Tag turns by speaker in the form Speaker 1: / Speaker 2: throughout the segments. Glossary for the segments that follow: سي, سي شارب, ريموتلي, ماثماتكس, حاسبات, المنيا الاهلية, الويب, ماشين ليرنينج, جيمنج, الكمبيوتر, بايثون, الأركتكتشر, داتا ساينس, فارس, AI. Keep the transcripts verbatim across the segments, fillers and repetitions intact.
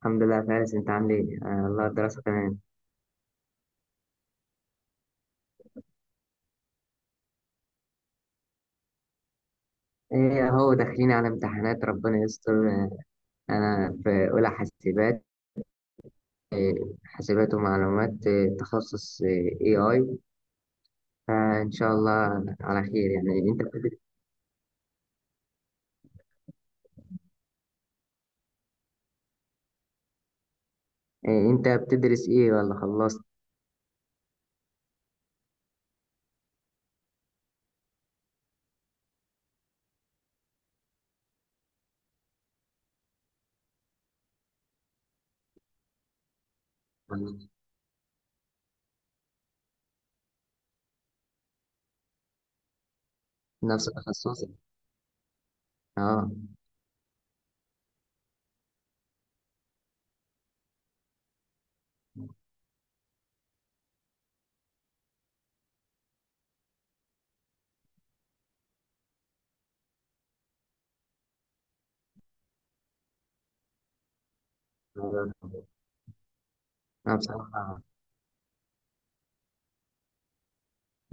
Speaker 1: الحمد لله يا فارس، انت عامل ايه؟ آه والله الدراسة تمام. ايه اهو داخلين على امتحانات، ربنا يستر. آه انا في اولى حاسبات. آه. حاسبات ومعلومات، آه تخصص اي اي. فان شاء الله على خير. يعني انت بتدرس؟ آه انت بتدرس ايه ولا خلصت؟ ولا نفس التخصص؟ اه. انا بصراحة،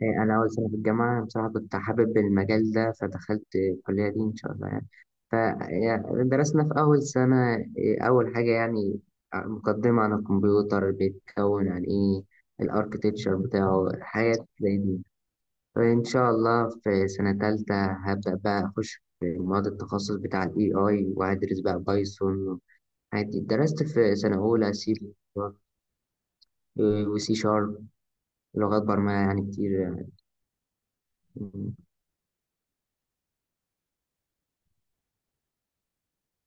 Speaker 1: إيه، أنا أول سنة في الجامعة. بصراحة كنت حابب المجال ده فدخلت الكلية دي إن شاء الله يعني. فدرسنا في أول سنة إيه، أول حاجة يعني مقدمة عن الكمبيوتر، بيتكون عن إيه الأركتكتشر بتاعه، حاجات زي دي. فإن شاء الله في سنة تالتة هبدأ بقى أخش في مواد التخصص بتاع ال إيه آي وهدرس بقى بايثون، حاجات دي. درست في سنة أولى سي وسي شارب، لغات برمجة يعني كتير يعني.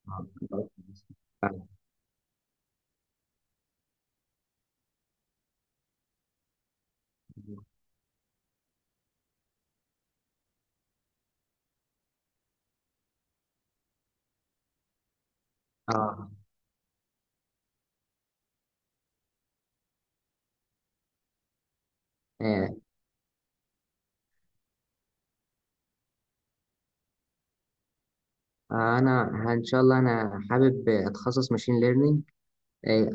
Speaker 1: اه. آه. آه، انا ه- ان شاء الله انا حابب اتخصص ماشين ليرنينج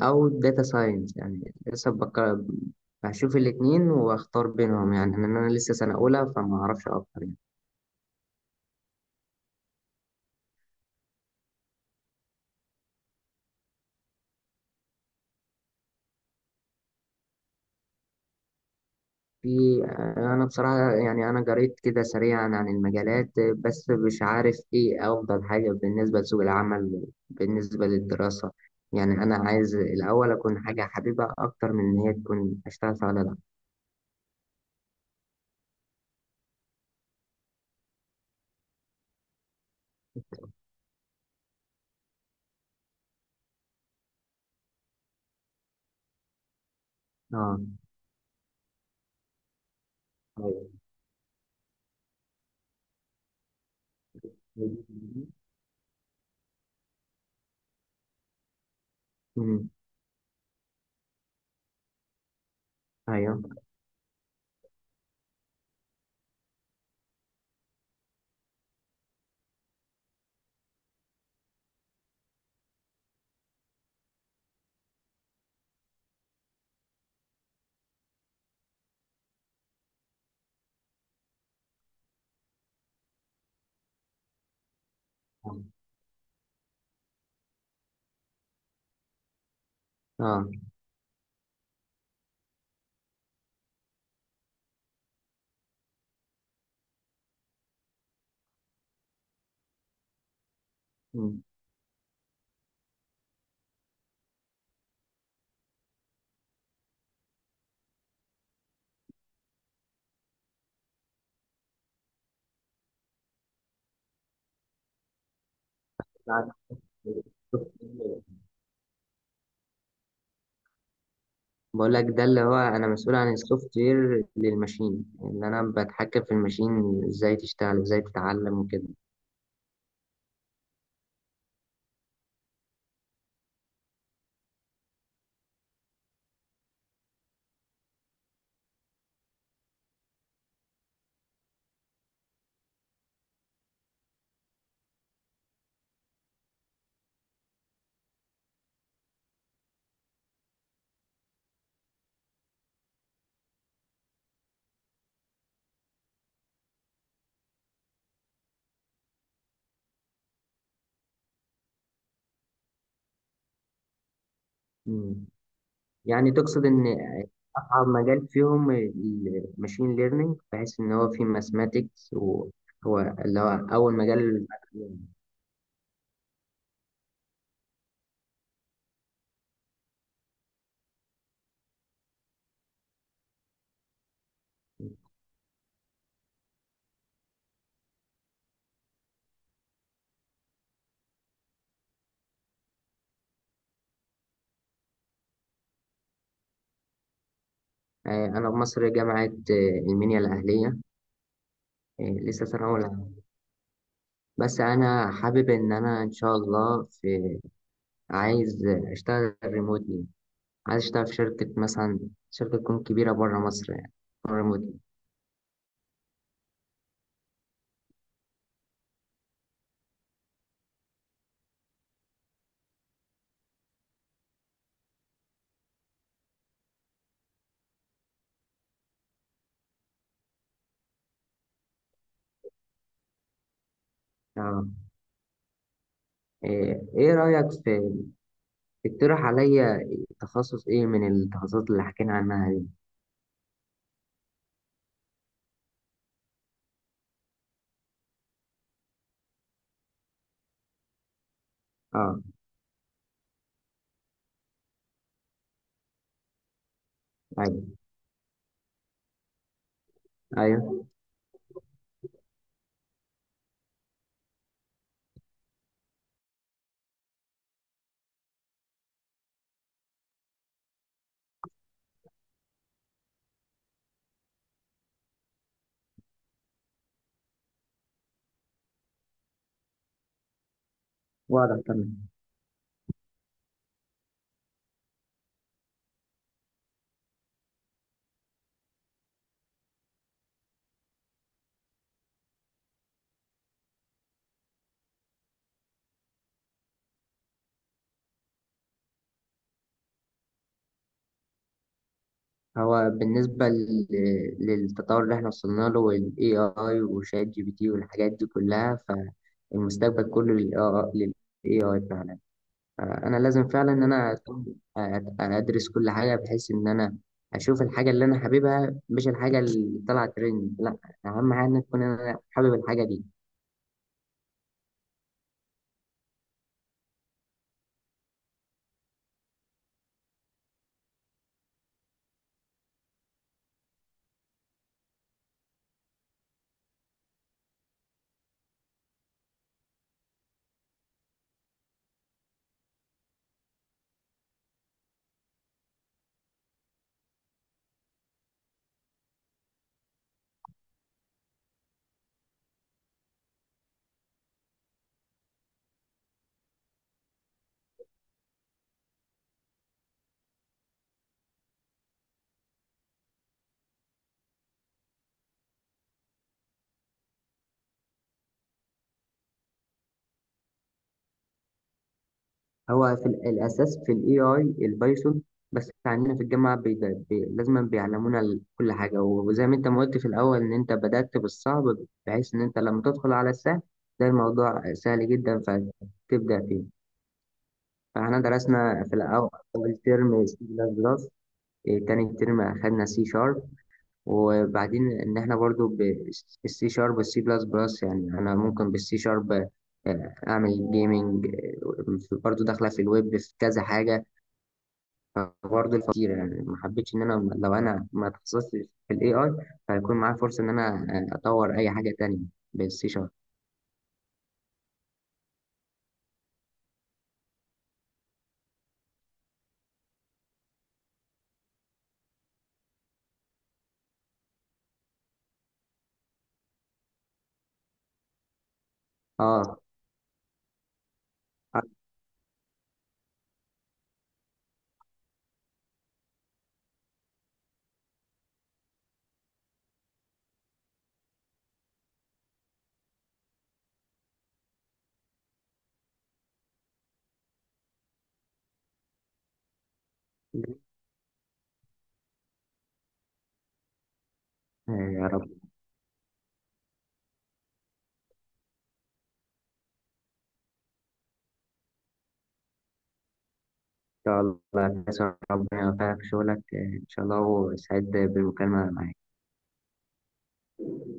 Speaker 1: او داتا ساينس. يعني لسه بك- هشوف الاثنين واختار بينهم. يعني ان انا لسه سنه اولى فما اعرفش اكتر يعني. في آه، انا بصراحه يعني انا قريت كده سريعا عن المجالات، آه، بس مش عارف ايه افضل حاجه بالنسبه لسوق العمل، بالنسبه للدراسه. يعني انا عايز الاول اكون حاجه حبيبه اكتر من ان هي تكون اشتغل فيها ولا لا. اه. ايوه. أمم. ايوه. اه. أمم. بعد- بقول لك ده اللي هو انا مسؤول عن السوفت وير للماشين، اللي انا بتحكم في الماشين ازاي تشتغل ازاي تتعلم وكده. أمم. يعني تقصد ان اصعب مجال فيهم الماشين ليرنينج، بحيث ان هو فيه ماثماتكس، وهو اللي هو اول مجال. آه، انا في مصر، جامعة آه، المنيا الاهلية. آه، لسه سنة اولى. بس انا حابب ان انا ان شاء الله في، عايز اشتغل ريموتلي. عايز اشتغل في شركة مثلا، شركة تكون كبيرة بره مصر يعني، ريموتلي. اه. ايه إيه رأيك في، اقترح عليا تخصص ايه من التخصصات اللي حكينا عنها دي. اه. ايوه. ايوه. واضح تمام. هو بالنسبة لل- للتطور اللي احنا وصلنا له وال A I وشات جي بي تي والحاجات دي كلها، فالمستقبل كله لل إيه آي، لل إيه آي فعلا. آه، انا لازم فعلا ان انا أكون- ادرس كل حاجه بحيث ان انا اشوف الحاجه اللي انا حاببها، مش الحاجه اللي طلعت ترند. لا، اهم حاجه ان تكون انا حابب الحاجه دي. هو في ال- الاساس في الاي اي البايثون. بس عندنا في الجامعه بي بي لازم بيعلمونا ال- كل حاجه، وزي ما انت ما قلت في الاول ان انت بدات بالصعب، بحيث ان انت لما تدخل على السهل ده الموضوع سهل جدا فتبدا فيه. فاحنا درسنا في الاول أول ترم سي بلس بلس، إيه، تاني ترم أخدنا سي شارب. وبعدين ان احنا برضو بالسي شارب والسي بلس بلس، يعني انا ممكن بالسي شارب اعمل جيمنج، برضو داخله في الويب في كذا حاجه. برضو الفقير يعني ما حبيتش ان انا لو انا ما اتخصصتش في الاي اي فهيكون معايا فرصه ان انا آه، اطور اي حاجه تانية بالسي شارب. اه. آه، يا رب ان شاء الله. ربنا يوفقك في شغلك، آه، ان شاء الله، وسعيد بالمكالمه معاك.